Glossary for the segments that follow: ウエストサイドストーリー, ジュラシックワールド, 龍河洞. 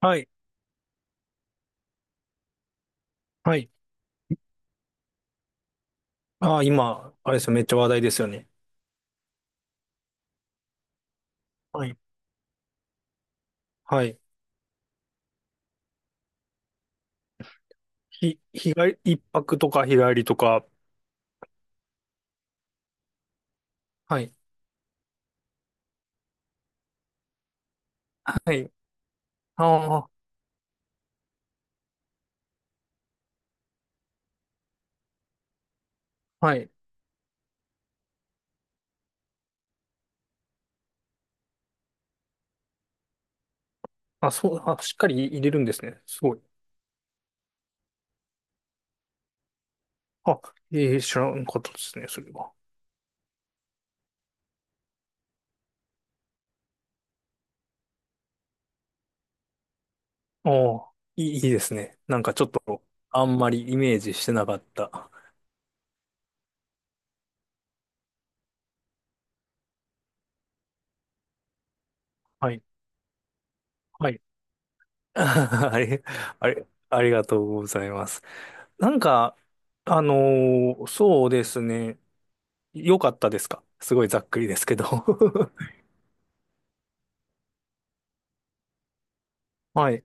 はい。はい。ああ、今、あれですよ。めっちゃ話題ですよね。はい。はい。日帰り、一泊とか日帰りとか。はい。はい。ああ、はい。あ、そう、あ、しっかり入れるんですね。すごい。あ、ええ、知らんかったですね、それは。ああ、いいですね。なんかちょっと、あんまりイメージしてなかった。はい。はい。あれ、あれ、ありがとうございます。なんか、あのそうですね。良かったですか？すごいざっくりですけど。 はい、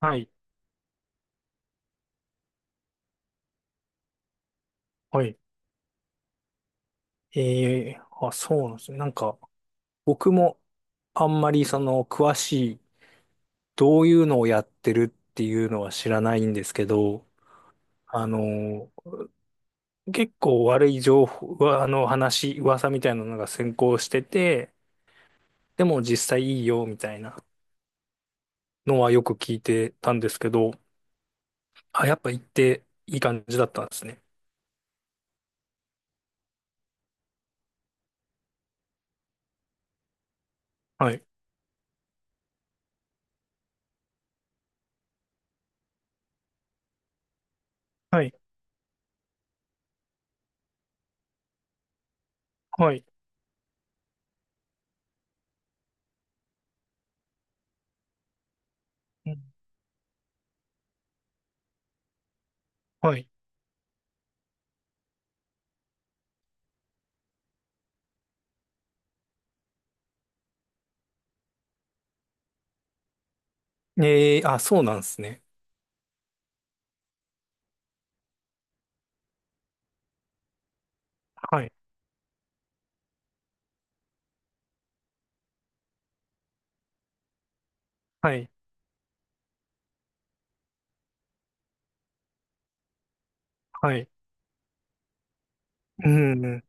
はい、はい。あ、そうなんですね。なんか、僕もあんまりその、詳しい、どういうのをやってるっていうのは知らないんですけど、あの、結構悪い情報、うわあの、話、噂みたいなのが先行してて、でも実際いいよ、みたいなのはよく聞いてたんですけど、あ、やっぱ行っていい感じだったんですね。はい、はい、はい、うんはい。ええあ、そうなんですね。はい、はい、はい。うん。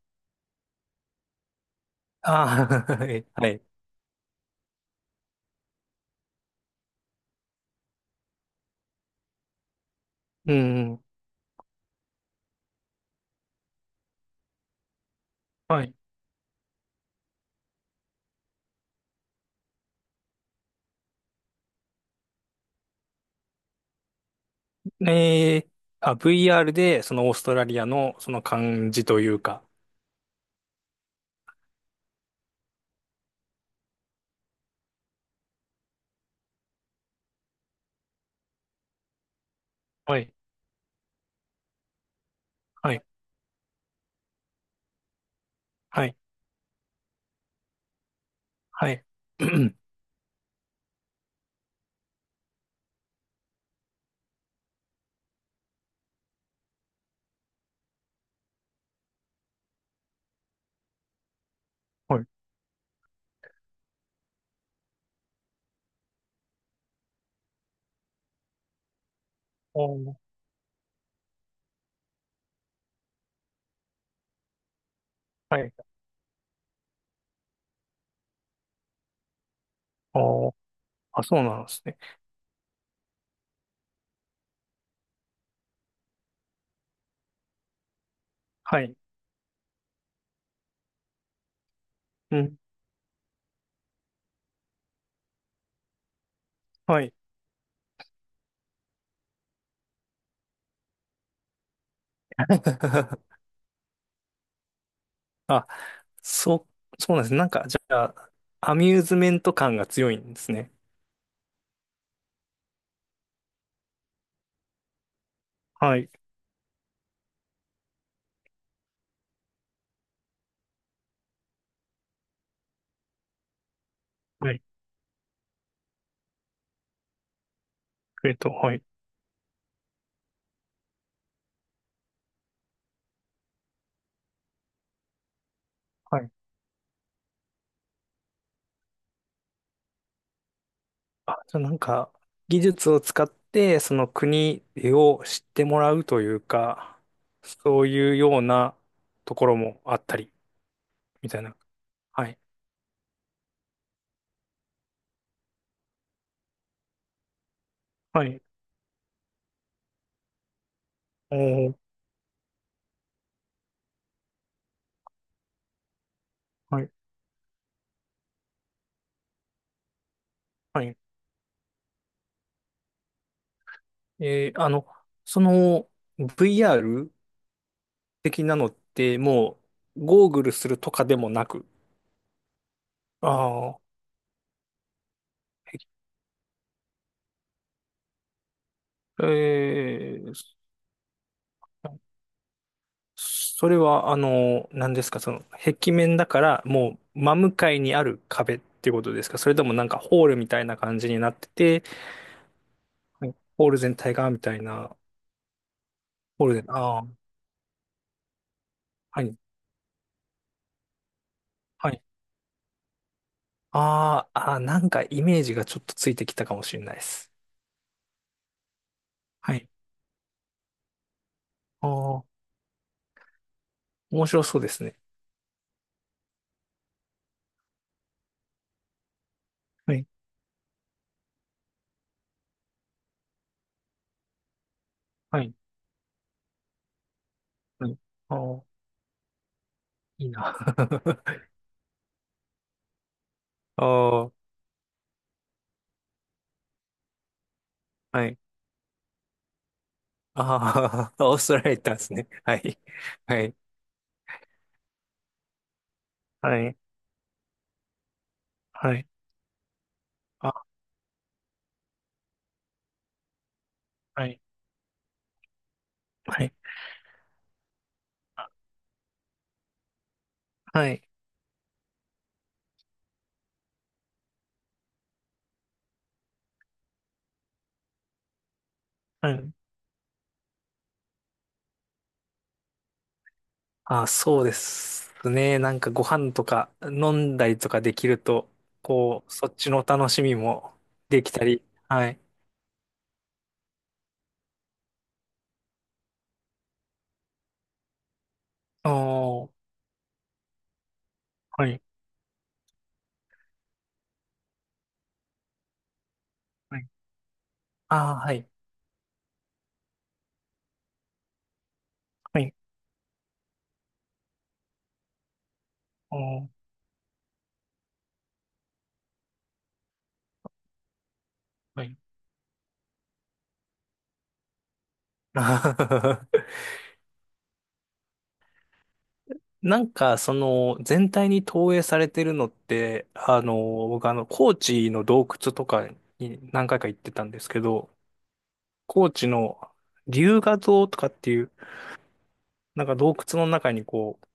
ああ、はい、はい。うん。はい。ええあ、VR で、そのオーストラリアの、その感じというか。はい、はい、はい、はい。はい。おーはい。おーあ、そうなんですね。はい。うん。はい。あ、そう、そうなんですね。なんか、じゃあ、アミューズメント感が強いんですね。はい。はい。はい。はいあ、じゃあなんか、技術を使って、その国を知ってもらうというか、そういうようなところもあったり、みたいな。はい。はい。おー、はい。はい。えーあの、その VR 的なのって、もう、ゴーグルするとかでもなく。ああ、えーそれは、何ですか、その、壁面だから、もう、真向かいにある壁っていうことですか？それともなんかホールみたいな感じになってて、はいホール全体が、みたいな、ホールで、ああ、はい、はい。あーあー、なんかイメージがちょっとついてきたかもしれないです。はい。ああ、面白そうですね。はい、はい、はい。ああ、いいな。ああ、はい。ああ、オーストラリア行ったんですね。はい、はい、はい、はい。あ、はい。はいはい。はい。あ、そうですね。なんかご飯とか飲んだりとかできると、こう、そっちの楽しみもできたり。はい。おー、はい。はい。あー、はい。はい。おー、はい。なんか、その、全体に投影されてるのって、僕高知の洞窟とかに何回か行ってたんですけど、高知の龍河洞とかっていう、なんか洞窟の中にこう、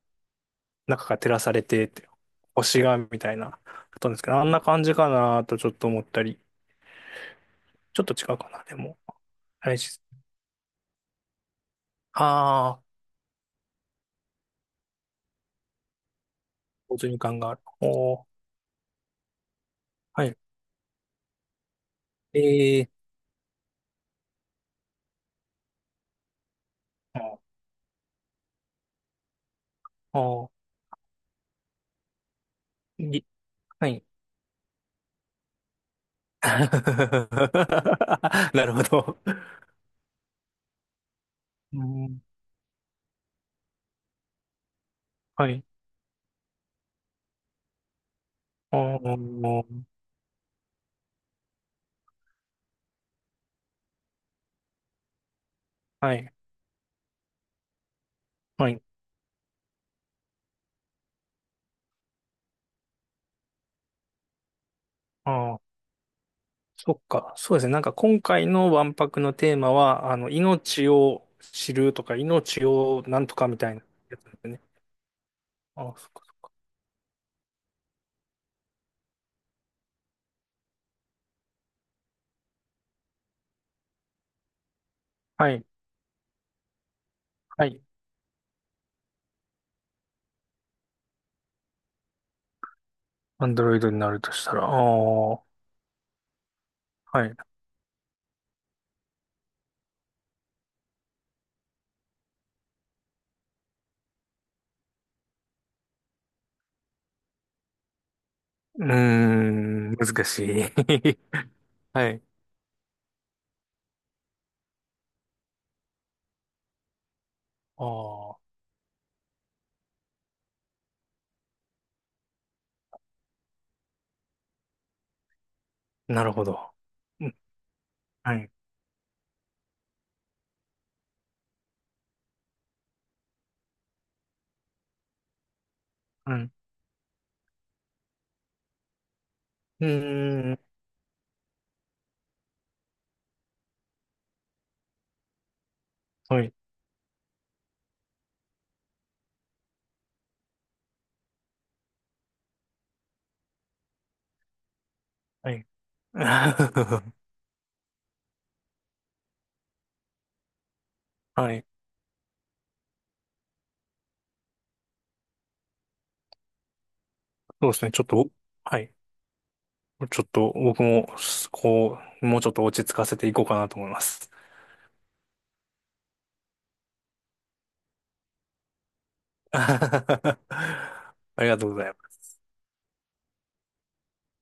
中が照らされてて、星がみたいな、だったんですけど、あんな感じかなとちょっと思ったり、ちょっと違うかな、でも。あれし、あー、没入感がある。おー、はい。えー、あー、あーいはい。なるほど。うん、はい。あー、はい。はい。あー、そっか。そうですね。なんか今回の万博のテーマは、命を知るとか、命をなんとかみたいなやつですね。あーはい。はい。アンドロイドになるとしたら、ああ、はい。うーん、難しい。はい。ああ、なるほど。うんはい。うん。うーん。はい。はい。はい。そうですね。ちょっと、はい。ちょっと、僕も、こう、もうちょっと落ち着かせていこうかなと思います。ありがとうございます。